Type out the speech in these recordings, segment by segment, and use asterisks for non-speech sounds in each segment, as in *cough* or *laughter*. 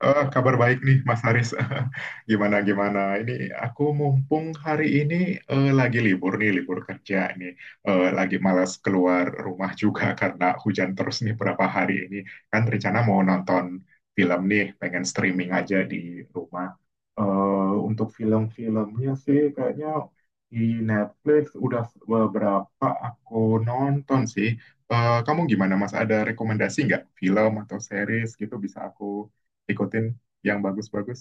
Kabar baik nih Mas Haris. *laughs* Gimana gimana? Ini aku mumpung hari ini lagi libur nih, libur kerja nih. Lagi malas keluar rumah juga *laughs* karena hujan terus nih berapa hari ini. Kan rencana mau nonton film nih, pengen streaming aja di rumah. Untuk film-filmnya sih kayaknya di Netflix udah beberapa aku nonton sih. Kamu gimana Mas? Ada rekomendasi nggak film atau series gitu bisa aku ikutin yang bagus-bagus.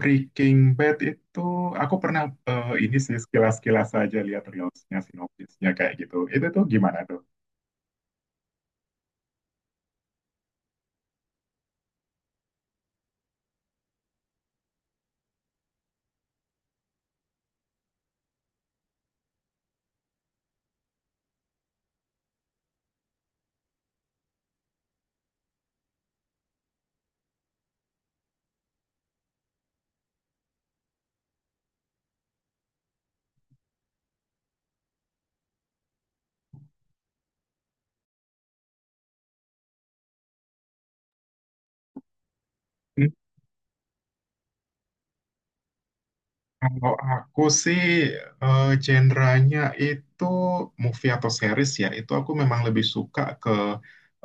Breaking Bad itu aku pernah ini sih sekilas-kilas aja lihat reelsnya, sinopsisnya kayak gitu. Itu tuh gimana tuh? Hmm? Kalau aku sih genrenya itu movie atau series ya, itu aku memang lebih suka ke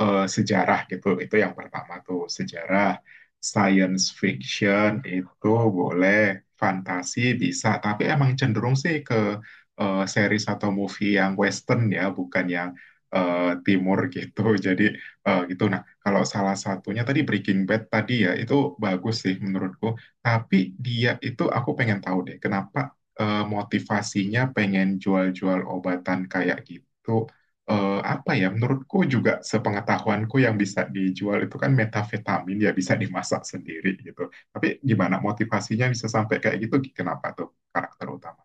sejarah gitu. Itu yang pertama tuh, sejarah, science fiction itu boleh, fantasi bisa, tapi emang cenderung sih ke series atau movie yang western ya, bukan yang eh, timur *laughs* gitu. Jadi gitu. Nah, kalau salah satunya tadi Breaking Bad tadi ya, itu bagus sih menurutku. Tapi dia itu aku pengen tahu deh, kenapa motivasinya pengen jual-jual obatan kayak gitu? Apa ya? Menurutku juga sepengetahuanku yang bisa dijual itu kan metafetamin ya bisa dimasak sendiri gitu. Tapi gimana motivasinya bisa sampai kayak gitu? Kenapa tuh karakter utama?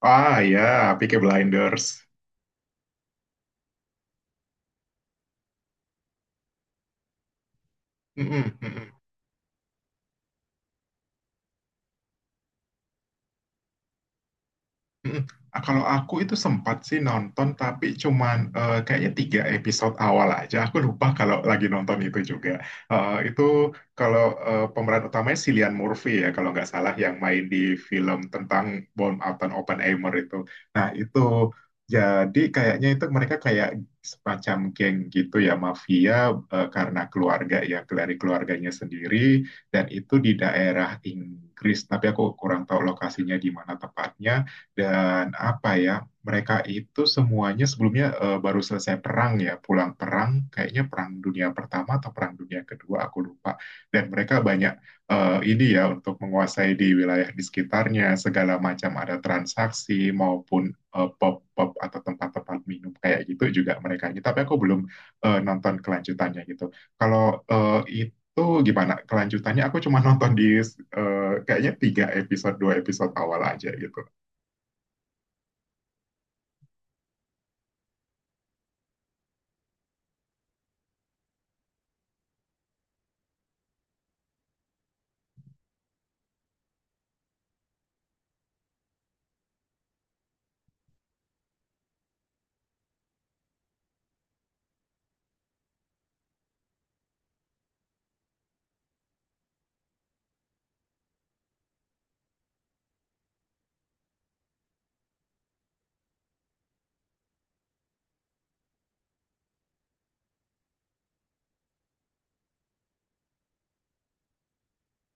Ah ya, Peaky Blinders. Mm-mm, mm-mm. Mm-mm. Ah, kalau aku itu sempat sih nonton, tapi cuman kayaknya tiga episode awal aja. Aku lupa kalau lagi nonton itu juga. Itu kalau pemeran utamanya si Cillian Murphy ya, kalau nggak salah yang main di film tentang Bom Alton Oppenheimer itu. Nah itu jadi kayaknya itu mereka kayak semacam geng gitu ya, mafia karena keluarga ya, dari keluarganya sendiri. Dan itu di daerah Inggris, tapi aku kurang tahu lokasinya di mana tepatnya dan apa ya, mereka itu semuanya sebelumnya baru selesai perang ya, pulang perang, kayaknya perang dunia pertama atau perang dunia kedua, aku lupa. Dan mereka banyak ini ya untuk menguasai di wilayah di sekitarnya, segala macam ada transaksi maupun pub-pub atau tempat-tempat minum kayak gitu juga mereka ini. Tapi aku belum nonton kelanjutannya gitu. Kalau itu tuh gimana kelanjutannya? Aku cuma *laughs* nonton di kayaknya tiga episode, dua episode awal aja gitu.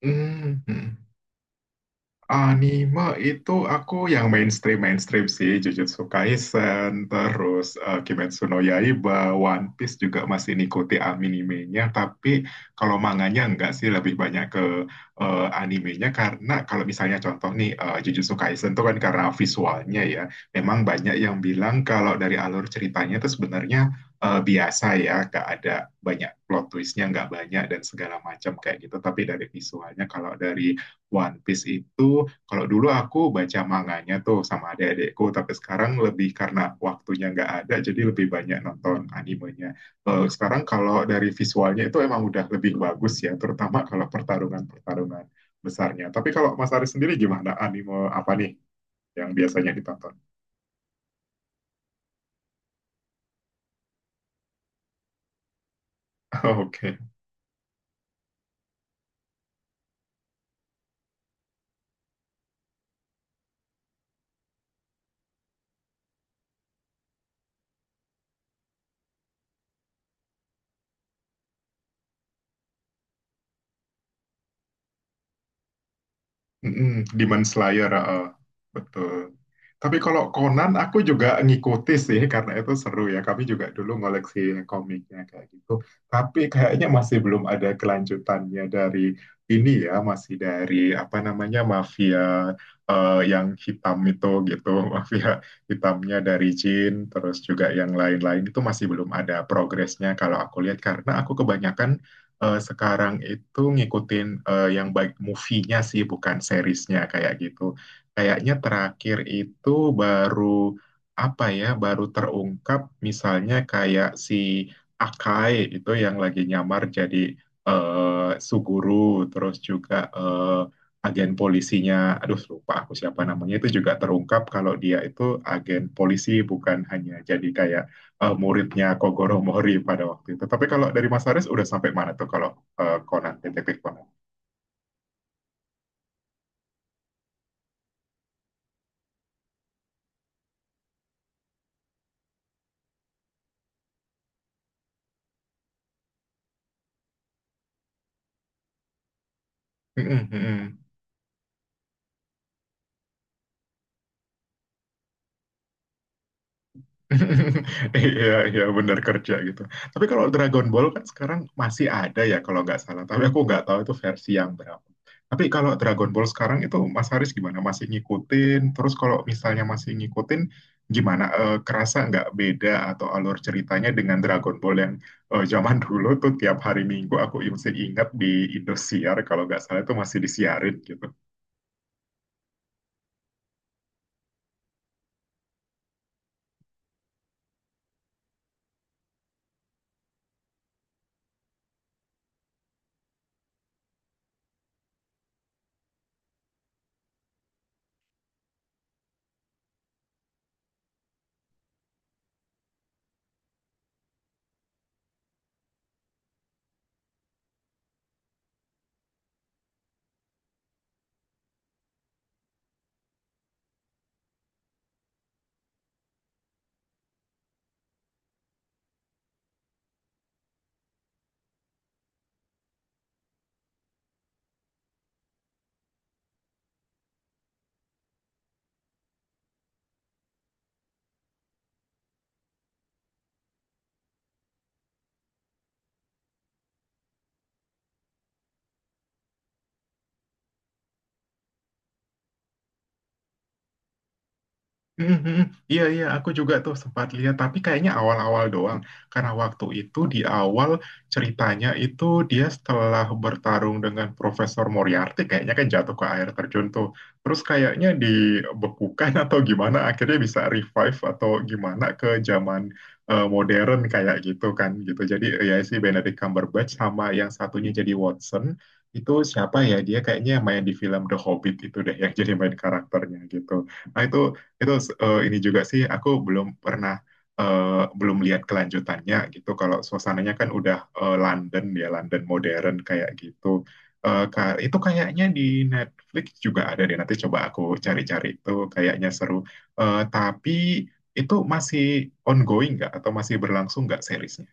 Hmm, hmm. Anime itu aku yang mainstream mainstream sih Jujutsu Kaisen, terus Kimetsu no Yaiba, One Piece juga masih ngikuti animenya, tapi kalau manganya enggak sih lebih banyak ke animenya karena kalau misalnya contoh nih Jujutsu Kaisen tuh kan karena visualnya ya, memang banyak yang bilang kalau dari alur ceritanya itu sebenarnya biasa ya, gak ada banyak plot twistnya, nggak banyak dan segala macam kayak gitu, tapi dari visualnya kalau dari One Piece itu kalau dulu aku baca manganya tuh sama adik-adikku, tapi sekarang lebih karena waktunya nggak ada, jadi lebih banyak nonton animenya. Sekarang kalau dari visualnya itu emang udah lebih bagus ya, terutama kalau pertarungan-pertarungan besarnya. Tapi kalau Mas Ari sendiri gimana anime apa nih yang biasanya ditonton? *laughs* Oke. Mm-mm, Demon Slayer, heeh. Betul. Tapi kalau Conan aku juga ngikuti sih karena itu seru ya. Kami juga dulu ngoleksi komiknya kayak gitu. Tapi kayaknya masih belum ada kelanjutannya dari ini ya, masih dari apa namanya mafia yang hitam itu gitu, *laughs* mafia hitamnya dari Jin, terus juga yang lain-lain itu masih belum ada progresnya kalau aku lihat karena aku kebanyakan sekarang itu ngikutin yang baik movie-nya sih, bukan seriesnya kayak gitu. Kayaknya terakhir itu baru apa ya, baru terungkap misalnya kayak si Akai itu yang lagi nyamar jadi Suguru, terus juga agen polisinya, aduh lupa aku siapa namanya itu juga terungkap kalau dia itu agen polisi bukan hanya jadi kayak muridnya Kogoro Mori pada waktu itu. Tapi kalau dari Mas Haris udah sampai mana tuh kalau Conan, detektif Conan? Mm-mm, mm-mm. *laughs* Iya, iya benar kerja gitu. Tapi kalau Dragon Ball kan sekarang masih ada ya kalau nggak salah. Tapi aku nggak tahu itu versi yang berapa. Tapi kalau Dragon Ball sekarang itu Mas Haris gimana? Masih ngikutin? Terus kalau misalnya masih ngikutin, gimana? Kerasa nggak beda atau alur ceritanya dengan Dragon Ball yang zaman *laughs* dulu tuh tiap hari Minggu aku masih ingat di Indosiar kalau nggak salah itu masih disiarin gitu. Mhm, mhm. Iya, iya, aku juga tuh sempat lihat, tapi kayaknya awal-awal doang. Karena waktu itu di awal ceritanya itu dia setelah bertarung dengan Profesor Moriarty, kayaknya kan jatuh ke air terjun tuh. Terus kayaknya dibekukan atau gimana, akhirnya bisa revive atau gimana ke zaman modern kayak gitu kan gitu. Jadi ya si Benedict Cumberbatch sama yang satunya jadi Watson, itu siapa ya? Dia kayaknya yang main di film The Hobbit itu deh yang *laughs* jadi main karakternya gitu. Nah itu ini juga sih aku belum pernah eh, belum lihat kelanjutannya gitu. Kalau suasananya kan udah London ya London modern kayak gitu. Itu kayaknya di Netflix juga ada deh. Nanti coba aku cari-cari itu kayaknya seru. Tapi itu masih ongoing nggak atau masih berlangsung nggak seriesnya?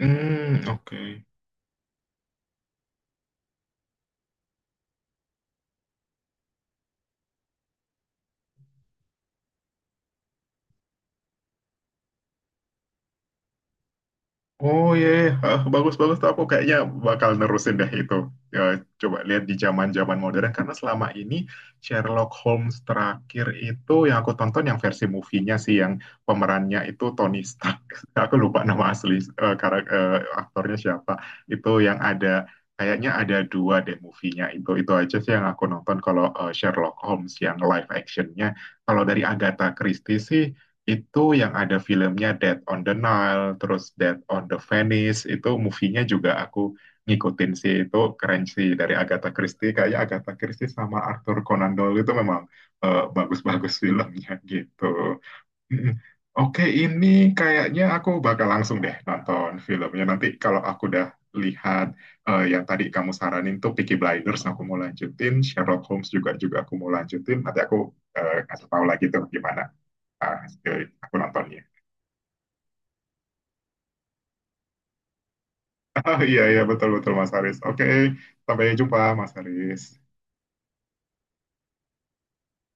Hmm, oke. Oh iya, iya. Ah, bagus bagus tuh aku kayaknya bakal nerusin deh itu. Ya, coba lihat di zaman-zaman modern karena selama ini Sherlock Holmes terakhir itu yang aku tonton yang versi movie-nya sih yang pemerannya itu Tony Stark. *laughs* Aku lupa nama asli aktornya siapa. Itu yang ada kayaknya ada dua deh movie-nya itu. Itu aja sih yang aku nonton kalau Sherlock Holmes yang live action-nya. Kalau dari Agatha Christie sih itu yang ada filmnya Death on the Nile, terus Death on the Venice, itu movie-nya juga aku ngikutin sih, itu keren sih dari Agatha Christie, kayak Agatha Christie sama Arthur Conan Doyle itu memang bagus-bagus *laughs* filmnya gitu. Mm-mm. Oke, ini kayaknya aku bakal langsung deh nonton filmnya. Nanti kalau aku udah lihat yang tadi kamu saranin tuh Peaky Blinders, aku mau lanjutin. Sherlock Holmes juga juga aku mau lanjutin. Nanti aku kasih tahu lagi tuh gimana ah, aku nontonnya. *laughs* Oh, iya, iya, betul-betul Mas Haris. Oke, sampai jumpa Mas Haris.